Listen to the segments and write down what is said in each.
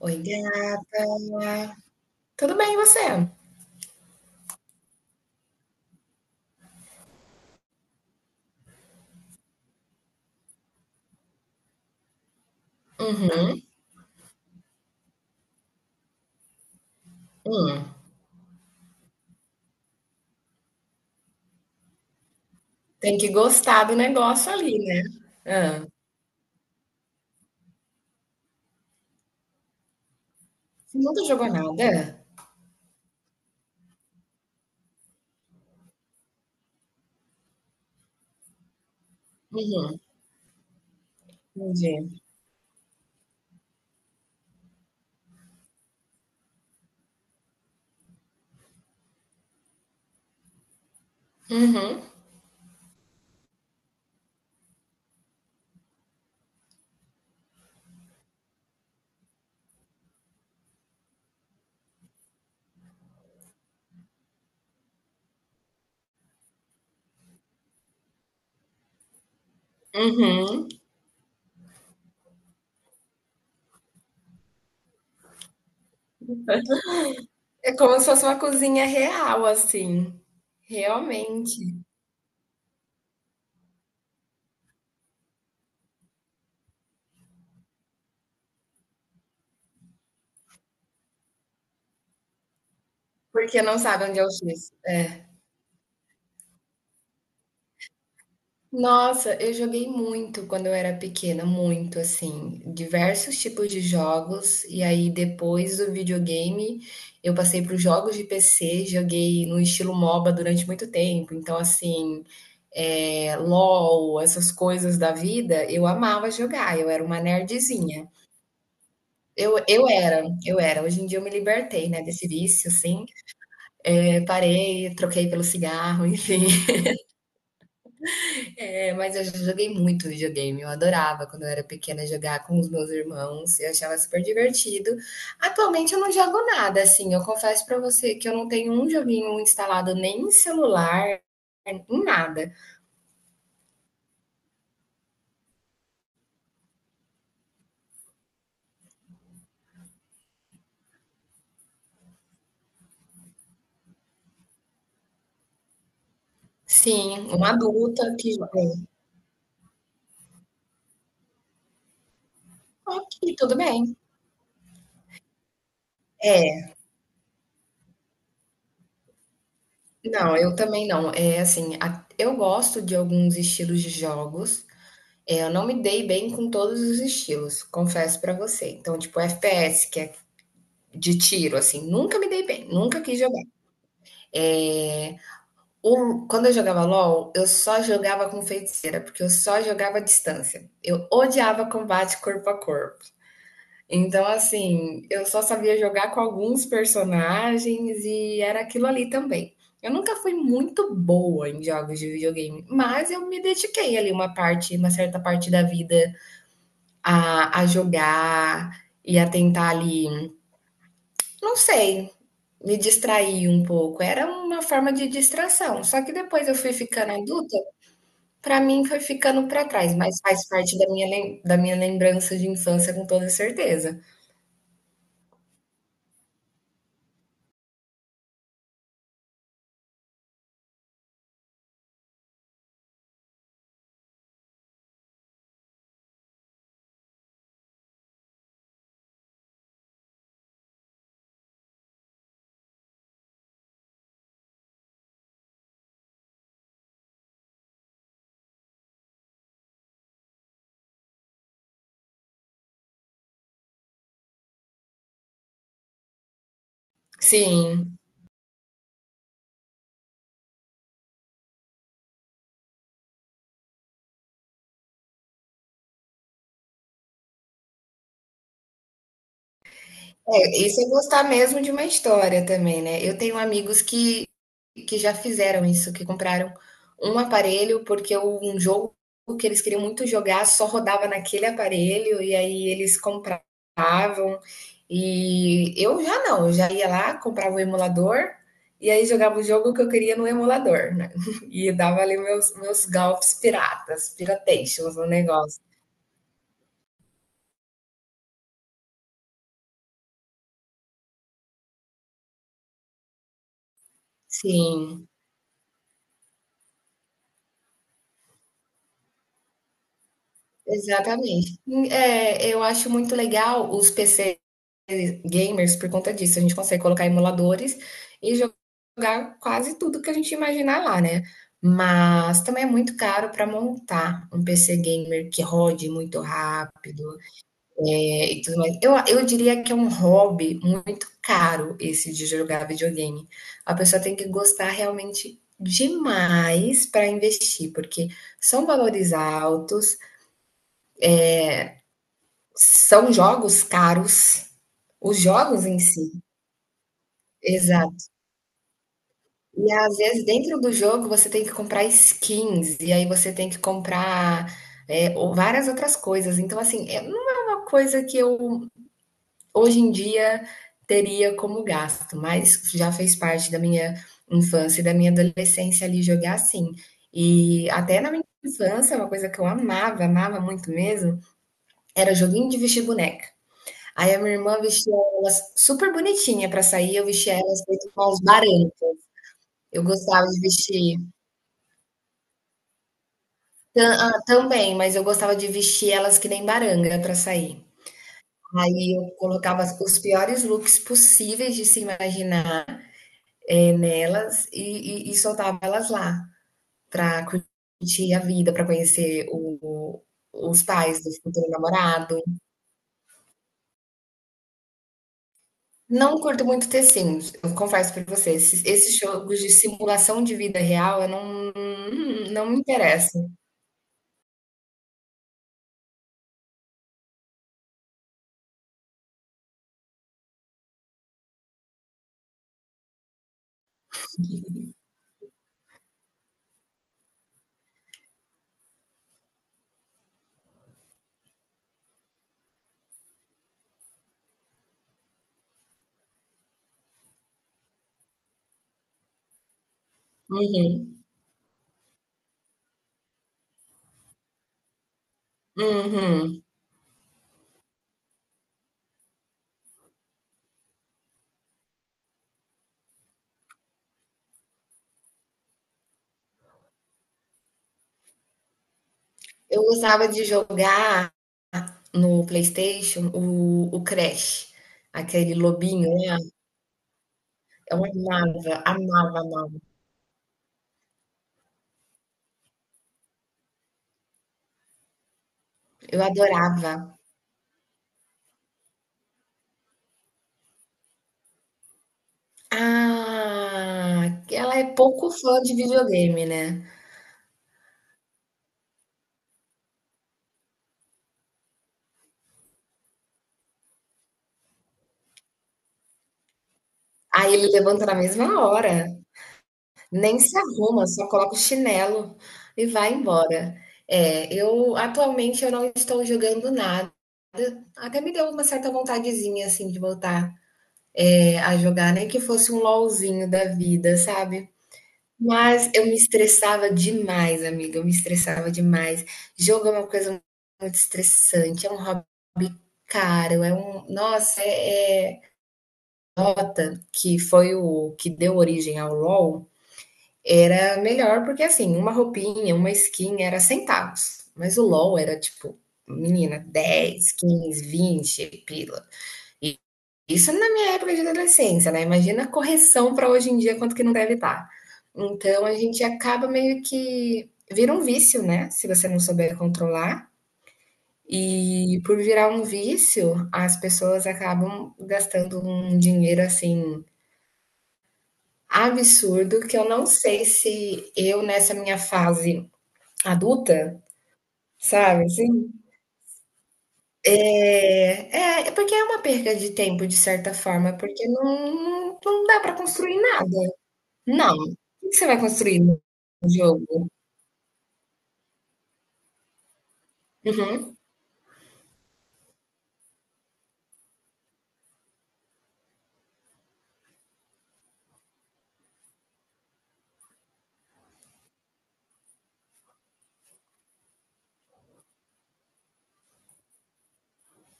Oi, gata. Tudo bem, e você? Uhum, hum. Tem que gostar do negócio ali, né? Hã. Você nunca jogou nada? Uhum, entendi. Uhum, uhum. É como se fosse uma cozinha real, assim, realmente, porque não sabe onde é o X. É. Nossa, eu joguei muito quando eu era pequena, muito assim, diversos tipos de jogos. E aí depois do videogame, eu passei para os jogos de PC, joguei no estilo MOBA durante muito tempo. Então assim, é, LOL, essas coisas da vida, eu amava jogar. Eu era uma nerdzinha. Eu era, eu era. Hoje em dia eu me libertei, né, desse vício, assim. É, parei, troquei pelo cigarro, enfim. É, mas eu já joguei muito videogame. Eu adorava quando eu era pequena jogar com os meus irmãos. Eu achava super divertido. Atualmente eu não jogo nada, assim. Eu confesso pra você que eu não tenho um joguinho instalado nem em celular, em nada. Sim, uma adulta que joga. Ok, tudo bem. É, não, eu também não. É assim, eu gosto de alguns estilos de jogos. É, eu não me dei bem com todos os estilos, confesso pra você. Então, tipo, FPS, que é de tiro, assim, nunca me dei bem, nunca quis jogar. O Quando eu jogava LOL, eu só jogava com feiticeira, porque eu só jogava à distância. Eu odiava combate corpo a corpo. Então, assim, eu só sabia jogar com alguns personagens e era aquilo ali também. Eu nunca fui muito boa em jogos de videogame, mas eu me dediquei ali uma parte, uma certa parte da vida a jogar e a tentar ali, não sei, me distrair um pouco. Era uma forma de distração. Só que depois eu fui ficando adulta, pra mim foi ficando pra trás, mas faz parte da minha, da minha lembrança de infância com toda certeza. Sim. É, isso é gostar mesmo de uma história também, né? Eu tenho amigos que já fizeram isso, que compraram um aparelho porque um jogo que eles queriam muito jogar só rodava naquele aparelho e aí eles compravam. E eu já não, eu já ia lá, comprava o emulador e aí jogava o jogo que eu queria no emulador, né? E dava ali meus golpes piratas, pirateations no negócio. Sim. Exatamente. É, eu acho muito legal os PC gamers por conta disso. A gente consegue colocar emuladores e jogar quase tudo que a gente imaginar lá, né? Mas também é muito caro para montar um PC gamer que rode muito rápido, é, e tudo mais. Eu diria que é um hobby muito caro esse de jogar videogame. A pessoa tem que gostar realmente demais para investir, porque são valores altos. São jogos caros, os jogos em si. Exato. E às vezes dentro do jogo você tem que comprar skins, e aí você tem que comprar ou várias outras coisas. Então, assim, não é uma coisa que eu hoje em dia teria como gasto, mas já fez parte da minha infância e da minha adolescência ali jogar assim. E até na minha infância, uma coisa que eu amava, amava muito mesmo, era joguinho de vestir boneca. Aí a minha irmã vestia elas super bonitinha para sair, eu vestia elas feito com os barangas. Eu gostava de vestir também, mas eu gostava de vestir elas que nem baranga para sair. Aí eu colocava os piores looks possíveis de se imaginar, nelas e soltava elas lá, para curtir a vida, para conhecer o os pais do futuro namorado. Não curto muito The Eu confesso para você, esses jogos de simulação de vida real eu não me interessam. Uhum. Eu gostava de jogar no PlayStation o Crash, aquele lobinho lá, eu amava, amava, amava, eu adorava. Ah, que ela é pouco fã de videogame, né. Aí ele levanta na mesma hora. Nem se arruma, só coloca o chinelo e vai embora. É, eu atualmente eu não estou jogando nada. Até me deu uma certa vontadezinha assim de voltar a jogar, nem que fosse um LOLzinho da vida, sabe? Mas eu me estressava demais, amiga. Eu me estressava demais. Jogo é uma coisa muito estressante, é um hobby caro, é um. Nossa. Dota, que foi o que deu origem ao LoL. Era melhor porque, assim, uma roupinha, uma skin era centavos, mas o LOL era tipo, menina, 10 15 20 pila. E isso na minha época de adolescência, né? Imagina a correção para hoje em dia, quanto que não deve estar. Então a gente acaba meio que vira um vício, né? Se você não souber controlar. E por virar um vício, as pessoas acabam gastando um dinheiro assim absurdo que eu não sei se eu nessa minha fase adulta? Sabe, assim? É, é porque é uma perca de tempo, de certa forma, porque não dá pra construir nada. Não, o que que você vai construir no jogo? Uhum,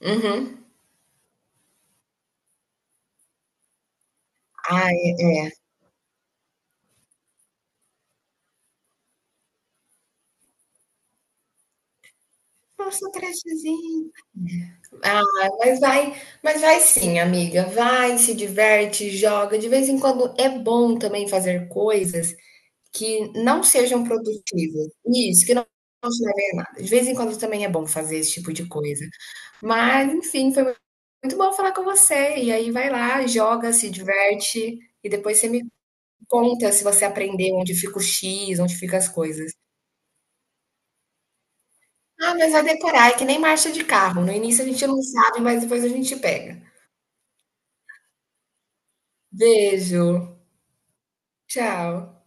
uhum. Ai, nossa, crechezinha. Ah, mas vai mas vai sim, amiga, vai, se diverte, joga. De vez em quando é bom também fazer coisas que não sejam produtivas. Isso, que não te levem a nada. De vez em quando também é bom fazer esse tipo de coisa. Mas, enfim, foi muito bom falar com você. E aí vai lá, joga, se diverte e depois você me conta se você aprendeu onde fica o X, onde fica as coisas. Ah, mas vai decorar, é que nem marcha de carro. No início a gente não sabe, mas depois a gente pega. Beijo. Tchau.